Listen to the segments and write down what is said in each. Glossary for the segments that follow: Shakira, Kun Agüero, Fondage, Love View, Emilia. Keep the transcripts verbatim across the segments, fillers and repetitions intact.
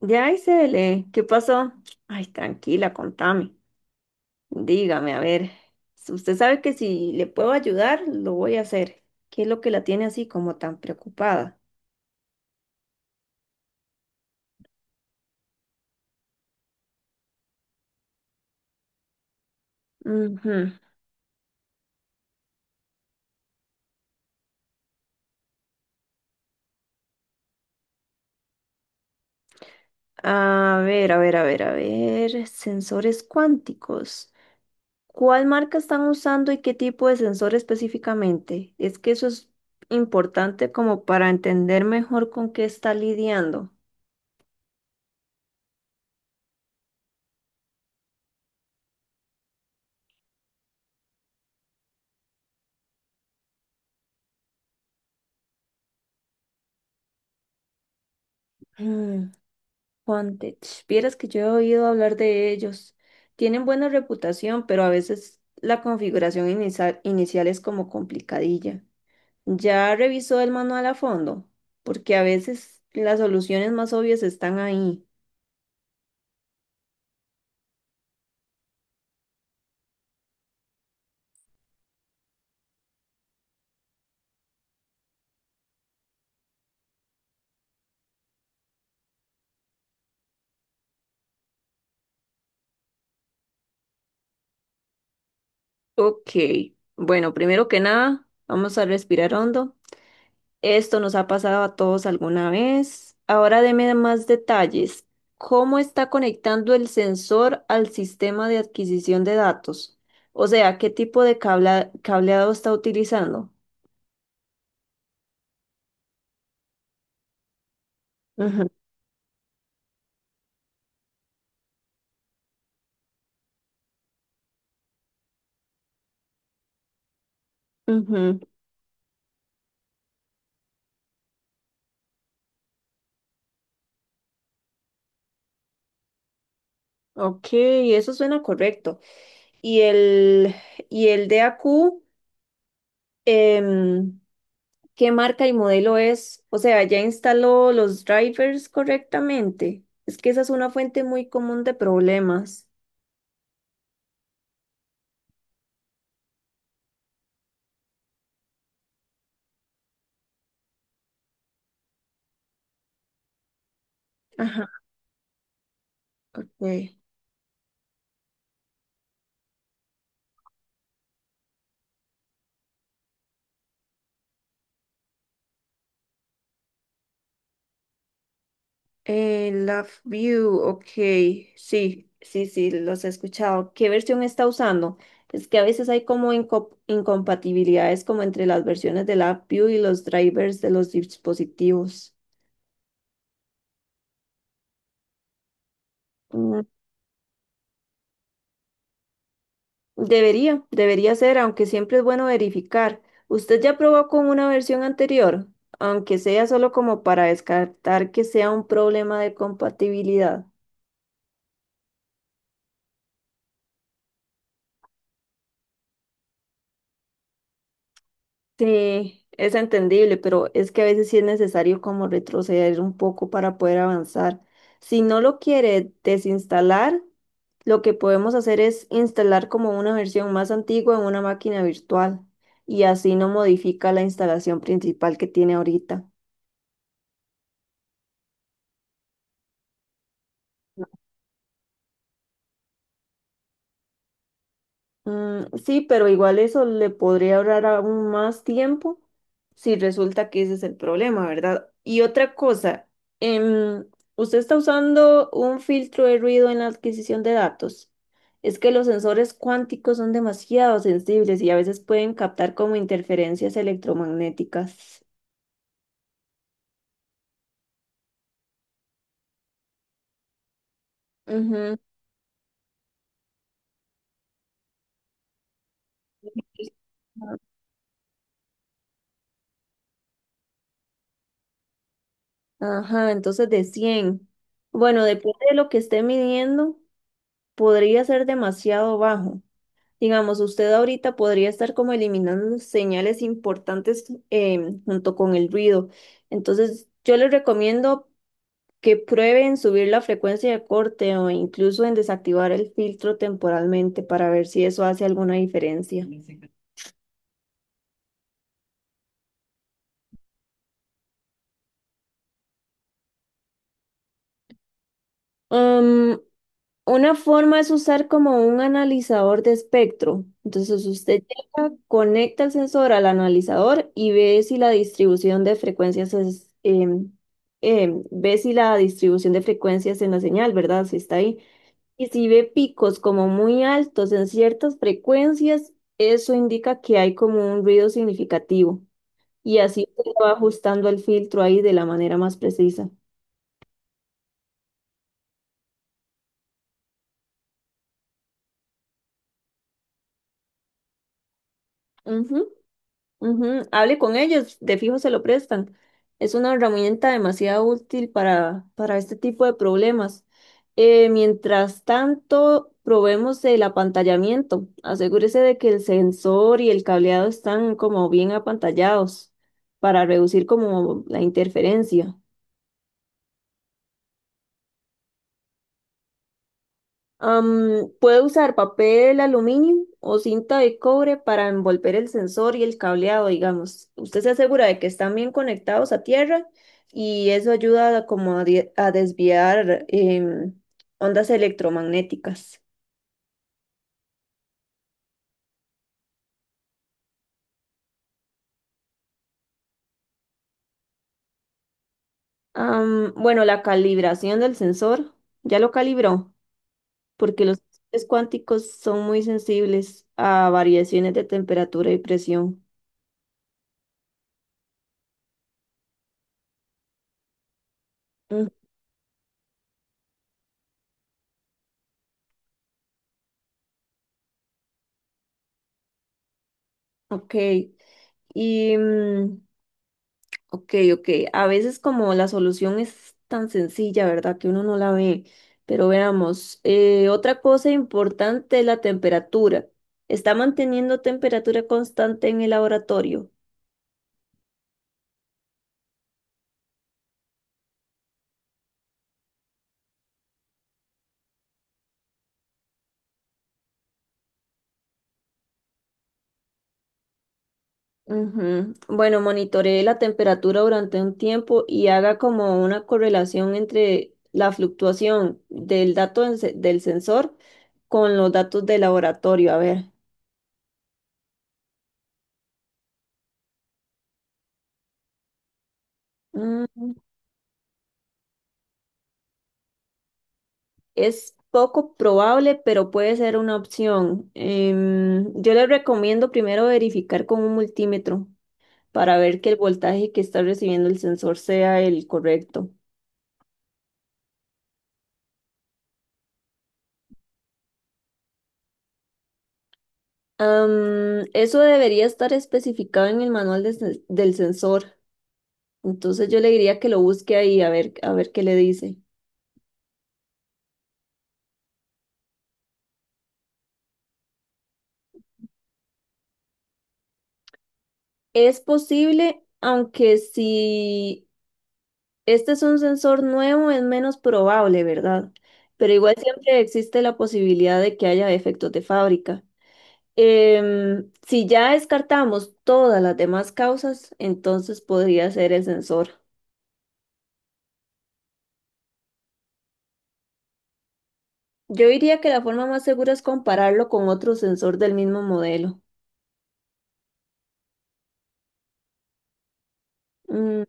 Ya, Isabel, ¿qué pasó? Ay, tranquila, contame. Dígame, a ver, si usted sabe que si le puedo ayudar, lo voy a hacer. ¿Qué es lo que la tiene así como tan preocupada? Ujú. A ver, a ver, a ver, a ver, sensores cuánticos. ¿Cuál marca están usando y qué tipo de sensor específicamente? Es que eso es importante como para entender mejor con qué está lidiando. Mm. Fondage. Vieras que yo he oído hablar de ellos. Tienen buena reputación, pero a veces la configuración inisa- inicial es como complicadilla. ¿Ya revisó el manual a fondo? Porque a veces las soluciones más obvias están ahí. Ok. Bueno, primero que nada, vamos a respirar hondo. Esto nos ha pasado a todos alguna vez. Ahora deme más detalles. ¿Cómo está conectando el sensor al sistema de adquisición de datos? O sea, ¿qué tipo de cabla- cableado está utilizando? Ujú, ujú. Ok, eso suena correcto. Y el, y el D A Q, em, ¿qué marca y modelo es? O sea, ¿ya instaló los drivers correctamente? Es que esa es una fuente muy común de problemas. Ajá, ok. Eh, Love View, ok, sí, sí, sí, los he escuchado. ¿Qué versión está usando? Es que a veces hay como inco- incompatibilidades como entre las versiones de Love View y los drivers de los dispositivos. Mm. Debería, debería ser, aunque siempre es bueno verificar. ¿Usted ya probó con una versión anterior? Aunque sea solo como para descartar que sea un problema de compatibilidad. Sí, es entendible, pero es que a veces sí es necesario como retroceder un poco para poder avanzar. Si no lo quiere desinstalar, lo que podemos hacer es instalar como una versión más antigua en una máquina virtual y así no modifica la instalación principal que tiene ahorita. Mm, sí, pero igual eso le podría ahorrar aún más tiempo si resulta que ese es el problema, ¿verdad? Y otra cosa, em, usted está usando un filtro de ruido en la adquisición de datos. Es que los sensores cuánticos son demasiado sensibles y a veces pueden captar como interferencias electromagnéticas. Ujú. Ajá, entonces de cien. Bueno, depende de lo que esté midiendo, podría ser demasiado bajo. Digamos, usted ahorita podría estar como eliminando señales importantes, em, junto con el ruido. Entonces, yo les recomiendo que prueben subir la frecuencia de corte o incluso en desactivar el filtro temporalmente para ver si eso hace alguna diferencia. Una forma es usar como un analizador de espectro. Entonces usted llega, conecta el sensor al analizador y ve si la distribución de frecuencias es, em, em, ve si la distribución de frecuencias en la señal, ¿verdad? Si está ahí. Y si ve picos como muy altos en ciertas frecuencias, eso indica que hay como un ruido significativo. Y así usted va ajustando el filtro ahí de la manera más precisa. Ujú. Ujú, hable con ellos, de fijo se lo prestan. Es una herramienta demasiado útil para, para este tipo de problemas. Eh, mientras tanto, probemos el apantallamiento. Asegúrese de que el sensor y el cableado están como bien apantallados para reducir como la interferencia. Am, puede usar papel aluminio o cinta de cobre para envolver el sensor y el cableado, digamos. Usted se asegura de que están bien conectados a tierra y eso ayuda a como a, die- a desviar em, ondas electromagnéticas. Am, bueno, la calibración del sensor, ya lo calibró, porque los sensores cuánticos son muy sensibles a variaciones de temperatura y presión. Mm, ok. Y mm, ok, ok. A veces como la solución es tan sencilla, ¿verdad? Que uno no la ve. Pero veamos, eh, otra cosa importante es la temperatura. ¿Está manteniendo temperatura constante en el laboratorio? Ujú. Bueno, monitoree la temperatura durante un tiempo y haga como una correlación entre la fluctuación del dato en se- del sensor con los datos del laboratorio. A ver. Mm. Es poco probable, pero puede ser una opción. Em, yo le recomiendo primero verificar con un multímetro para ver que el voltaje que está recibiendo el sensor sea el correcto. Am, eso debería estar especificado en el manual de sen- del sensor. Entonces yo le diría que lo busque ahí a ver, a ver qué le dice. Es posible, aunque si este es un sensor nuevo, es menos probable, ¿verdad? Pero igual siempre existe la posibilidad de que haya defectos de fábrica. Em, si ya descartamos todas las demás causas, entonces podría ser el sensor. Yo diría que la forma más segura es compararlo con otro sensor del mismo modelo. Mm,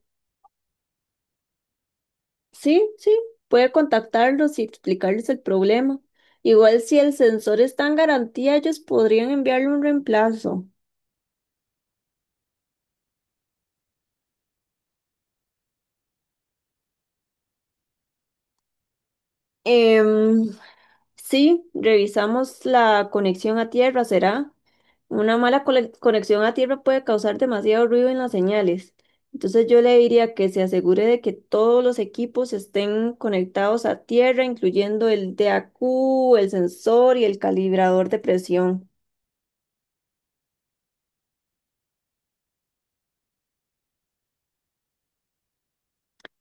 sí, sí, puede contactarlos y explicarles el problema. Igual si el sensor está en garantía, ellos podrían enviarle un reemplazo. Em, Sí, revisamos la conexión a tierra, ¿será? Una mala cole- conexión a tierra puede causar demasiado ruido en las señales. Entonces yo le diría que se asegure de que todos los equipos estén conectados a tierra, incluyendo el D A Q, el sensor y el calibrador de presión.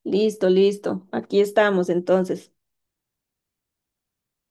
Listo, listo. Aquí estamos entonces.